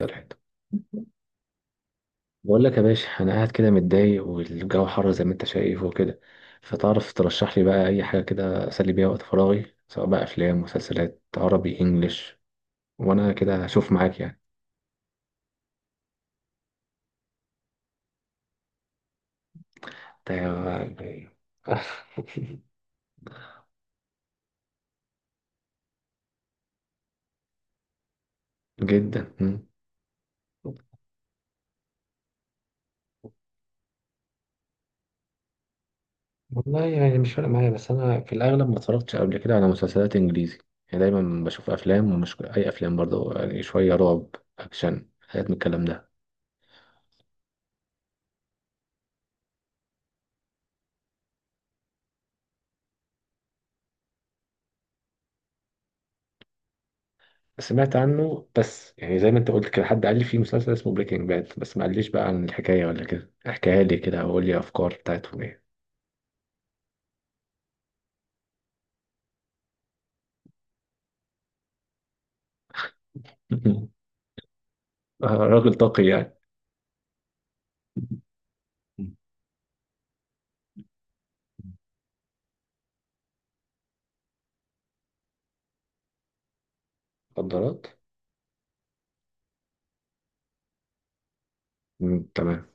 الحته، بقول لك يا باشا انا قاعد كده متضايق والجو حر زي ما انت شايف وكده. فتعرف ترشح لي بقى اي حاجه كده اسلي بيها وقت فراغي، سواء بقى افلام مسلسلات عربي انجليش، وانا كده اشوف معاك يعني. طيب. جدا. مم. والله يعني مش فارق معايا، بس انا في الاغلب ما اتفرجتش قبل كده على مسلسلات انجليزي. يعني دايما بشوف افلام، ومش اي افلام برضه، يعني شويه رعب، اكشن، حاجات من الكلام ده. سمعت عنه، بس يعني زي ما انت قلت كده حد قال لي في مسلسل اسمه بريكنج باد، بس ما قاليش بقى عن الحكاية ولا كده، احكيها لي كده او قول لي افكار بتاعتهم ايه. آه، راجل طاقي يعني. مخدرات. تمام.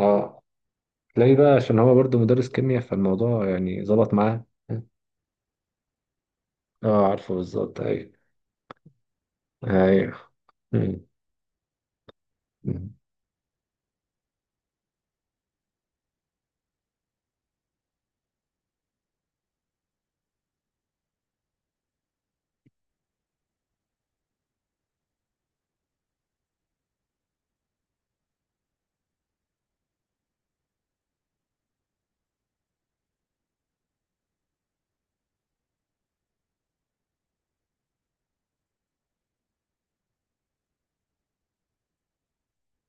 اه، تلاقي بقى عشان هو برضه مدرس كيمياء، فالموضوع يعني ظبط معاه. اه عارفه، بالظبط، ايوه. ايوه. مم. مم.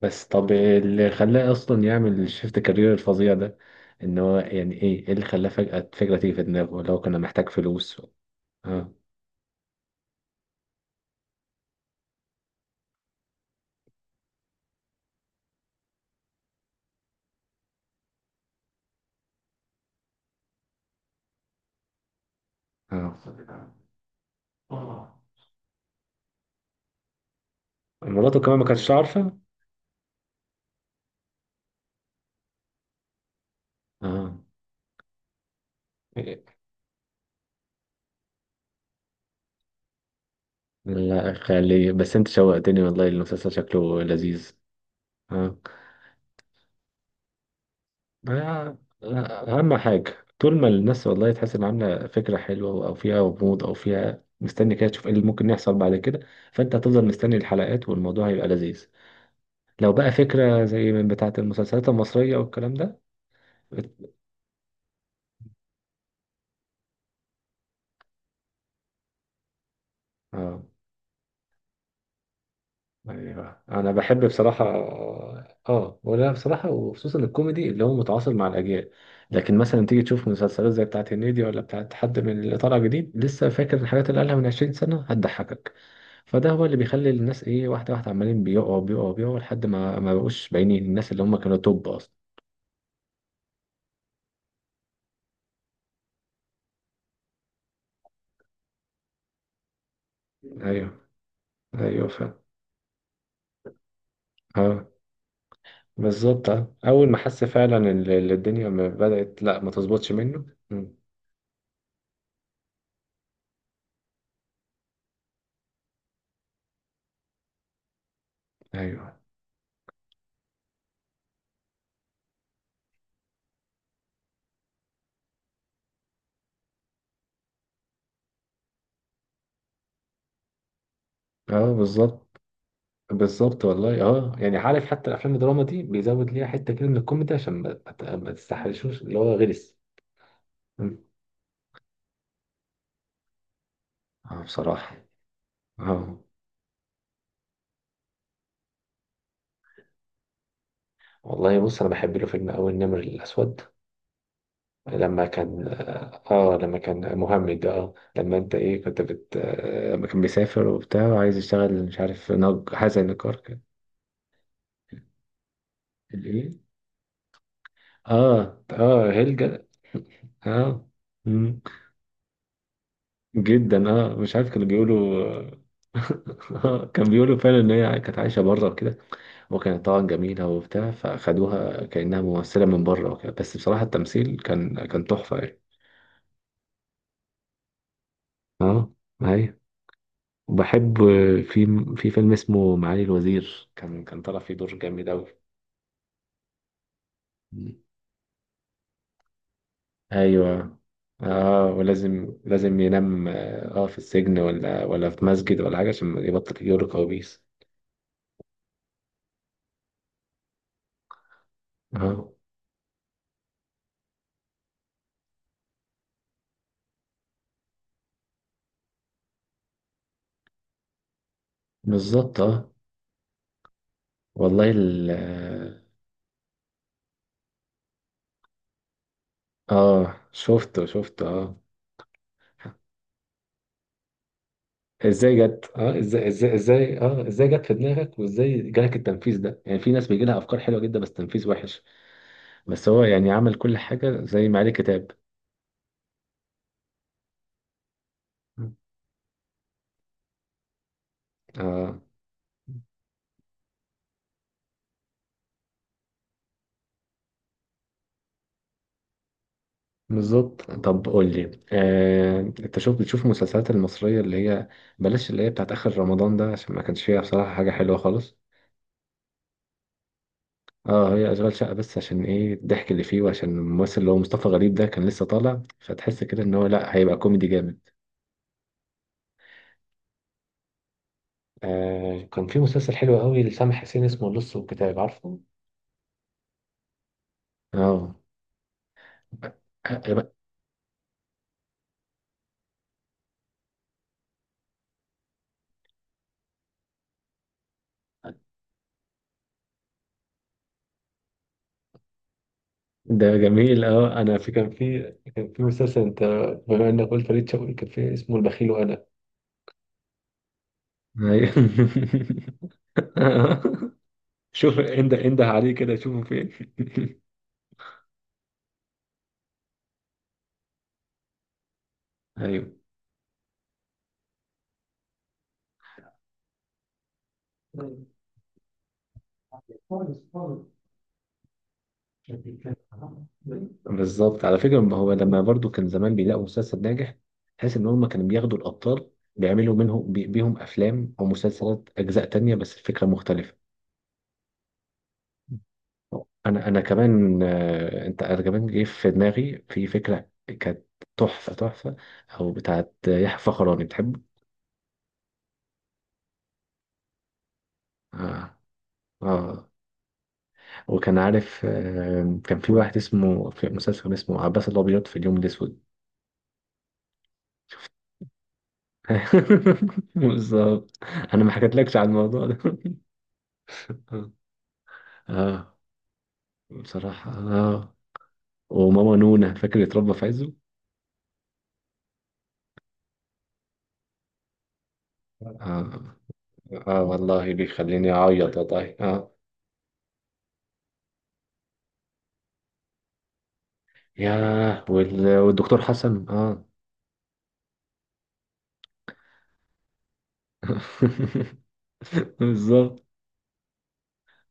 بس طب اللي خلاه اصلا يعمل الشيفت كارير الفظيع ده، ان هو يعني ايه، إيه اللي خلاه فجأة الفكرة تيجي في دماغه؟ اللي هو كان محتاج فلوس. اه. اه. مراته كمان ما كانتش عارفة. اه، لا خلي، بس انت شوقتني والله، المسلسل شكله لذيذ. اه. اهم حاجة طول ما الناس والله تحس ان عاملة فكرة حلوة، او فيها غموض، او فيها مستني كده تشوف ايه اللي ممكن يحصل بعد كده. فانت هتفضل مستني الحلقات، والموضوع هيبقى لذيذ. لو بقى فكرة زي من بتاعة المسلسلات المصرية والكلام ده. بت- اه، ايوه انا بحب بصراحه. اه ولا بصراحه، وخصوصا الكوميدي اللي هو متعاصر مع الاجيال. لكن مثلا تيجي تشوف مسلسلات زي بتاعت هنيدي، ولا بتاعت حد من اللي طالع جديد لسه، فاكر الحاجات اللي قالها من 20 سنه هتضحكك. فده هو اللي بيخلي الناس ايه، واحده واحده، عمالين بيقعوا بيقعوا بيقعوا لحد ما ما بقوش باينين، الناس اللي هم كانوا توب اصلا. ايوه. ايوه فاهم. اه بالظبط، اه اول ما حس فعلا ان الدنيا ما بدات، لا ما تظبطش منه. ايوه. اه بالظبط. بالظبط والله، اه يعني عارف حتى الافلام الدراما دي بيزود ليها حته كده من الكوميدي، عشان ما تستحرشوش اللي هو غلس. م. اه بصراحه. اه والله بص، انا بحب له فيلم اول النمر الاسود. لما كان اه، آه، لما كان مهمد ده، اه لما انت ايه كنت بت، آه، لما كان بيسافر وبتاع وعايز يشتغل، مش عارف نج، حازم نجار كان. الايه؟ اه. اه هلجا. اه. م. جدا، اه، مش عارف كانوا بيقولوا. آه، كان بيقولوا فعلا ان هي كانت عايشه بره وكده، وكانت طبعا جميله وبتاع، فاخدوها كانها ممثله من بره وكده، بس بصراحه التمثيل كان كان تحفه يعني. اه. ايوه. وبحب في في فيلم اسمه معالي الوزير، كان كان طالع فيه دور جامد اوي. مم. ايوه. اه ولازم لازم ينام، اه آه، في السجن، ولا في مسجد ولا حاجه عشان يبطل يجيله كوابيس. اه بالظبط. اه. والله. اه شفته شفته اه. ازاي جت، اه ازاي ازاي ازاي، اه ازاي جت في دماغك، وازاي جالك التنفيذ ده؟ يعني في ناس بيجي لها افكار حلوه جدا بس تنفيذ وحش. بس هو يعني عمل كل حاجه زي ما عليه كتاب. اه بالظبط. طب قول لي، آه، انت شوف بتشوف المسلسلات المصريه اللي هي، بلاش اللي هي بتاعت اخر رمضان ده عشان ما كانش فيها بصراحه حاجه حلوه خالص. اه، هي اشغال شقه بس، عشان ايه الضحك اللي فيه، وعشان الممثل اللي هو مصطفى غريب ده كان لسه طالع، فتحس كده ان هو لا هيبقى كوميدي جامد. آه كان في مسلسل حلو قوي لسامح حسين اسمه اللص والكتاب، عارفه؟ اه. ده جميل، اه انا في كان في كان في مسلسل انت، بما انك قلت فريد شوقي، كان في اسمه البخيل وانا. أيوة. شوف انده انده عليه كده، شوفه فين. ايوه بالظبط. على فكرة ما هو لما برضو كان زمان بيلاقوا مسلسل ناجح، تحس ان هم كانوا بياخدوا الابطال بيعملوا منهم بيهم افلام او مسلسلات اجزاء تانية، بس الفكرة مختلفة. انا انا كمان، آه، انت انا كمان جه في دماغي في فكرة، كانت تحفة تحفة، او بتاعت يحيى فخراني، بتحبه؟ اه. اه وكان عارف، آه، كان في واحد اسمه، في مسلسل كان اسمه عباس الابيض في اليوم الاسود. بالظبط. انا ما حكيتلكش على الموضوع ده. اه بصراحة. اه وماما نونا، فاكر اتربى في عزه. اه. اه والله بيخليني اعيط والله، اه. ياه، والدكتور حسن، اه. بالظبط.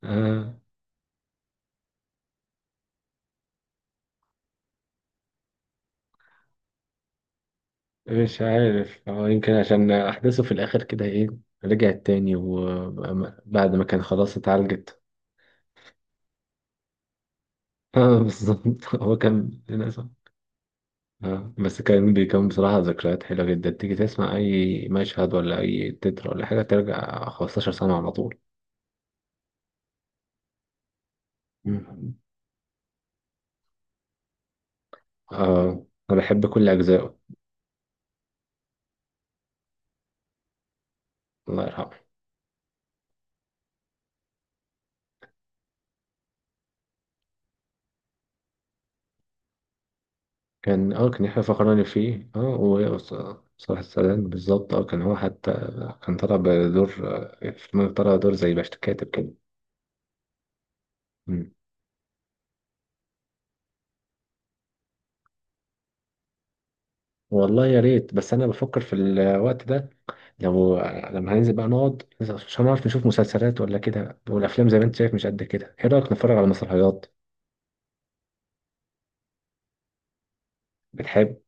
آه. مش عارف، هو يمكن عشان احداثه في الاخر كده، ايه رجعت تاني وبعد ما كان خلاص اتعالجت. اه بالظبط. هو كان للاسف. اه، بس كان بيكون بصراحة ذكريات حلوة جدا، تيجي تسمع أي مشهد ولا أي تتر ولا حاجة، ترجع 15 سنة على طول. مم. اه أنا بحب كل أجزائه. الله يرحمه. كان اه كان يحيى فخراني فيه، اه، وصلاح السلام بالظبط، اه كان هو حتى، كان طالع بدور، آه، في طالع دور زي باش كاتب كده. مم. والله يا ريت، بس أنا بفكر في الوقت ده، لو لما هننزل بقى نقعد عشان نعرف نشوف مسلسلات ولا كده، والافلام زي ما انت شايف مش قد كده، ايه رايك نتفرج على مسرحيات؟ بتحب،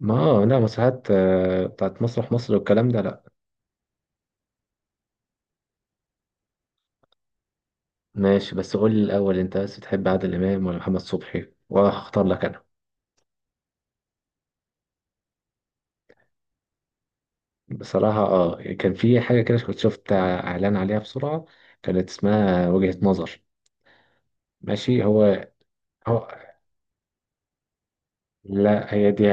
ما، آه، لا مسرحيات، آه، بتاعت مسرح مصر والكلام ده لا. ماشي، بس قول لي الاول، انت بس بتحب عادل امام ولا محمد صبحي، وانا هختار لك انا. بصراحه اه كان في حاجه كده كنت شفت اعلان عليها بسرعه، كانت اسمها وجهة نظر. ماشي، هو لا هي دي.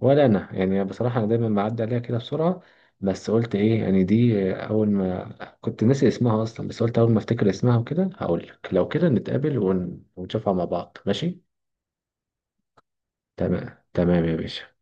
ولا انا يعني بصراحه انا دايما بعدي عليها كده بسرعه. بس قلت ايه، يعني دي اول ما كنت ناسي اسمها اصلا، بس قلت اول ما افتكر اسمها وكده هقول لك، لو كده نتقابل ونشوفها مع بعض، ماشي. تمام تمام يا باشا.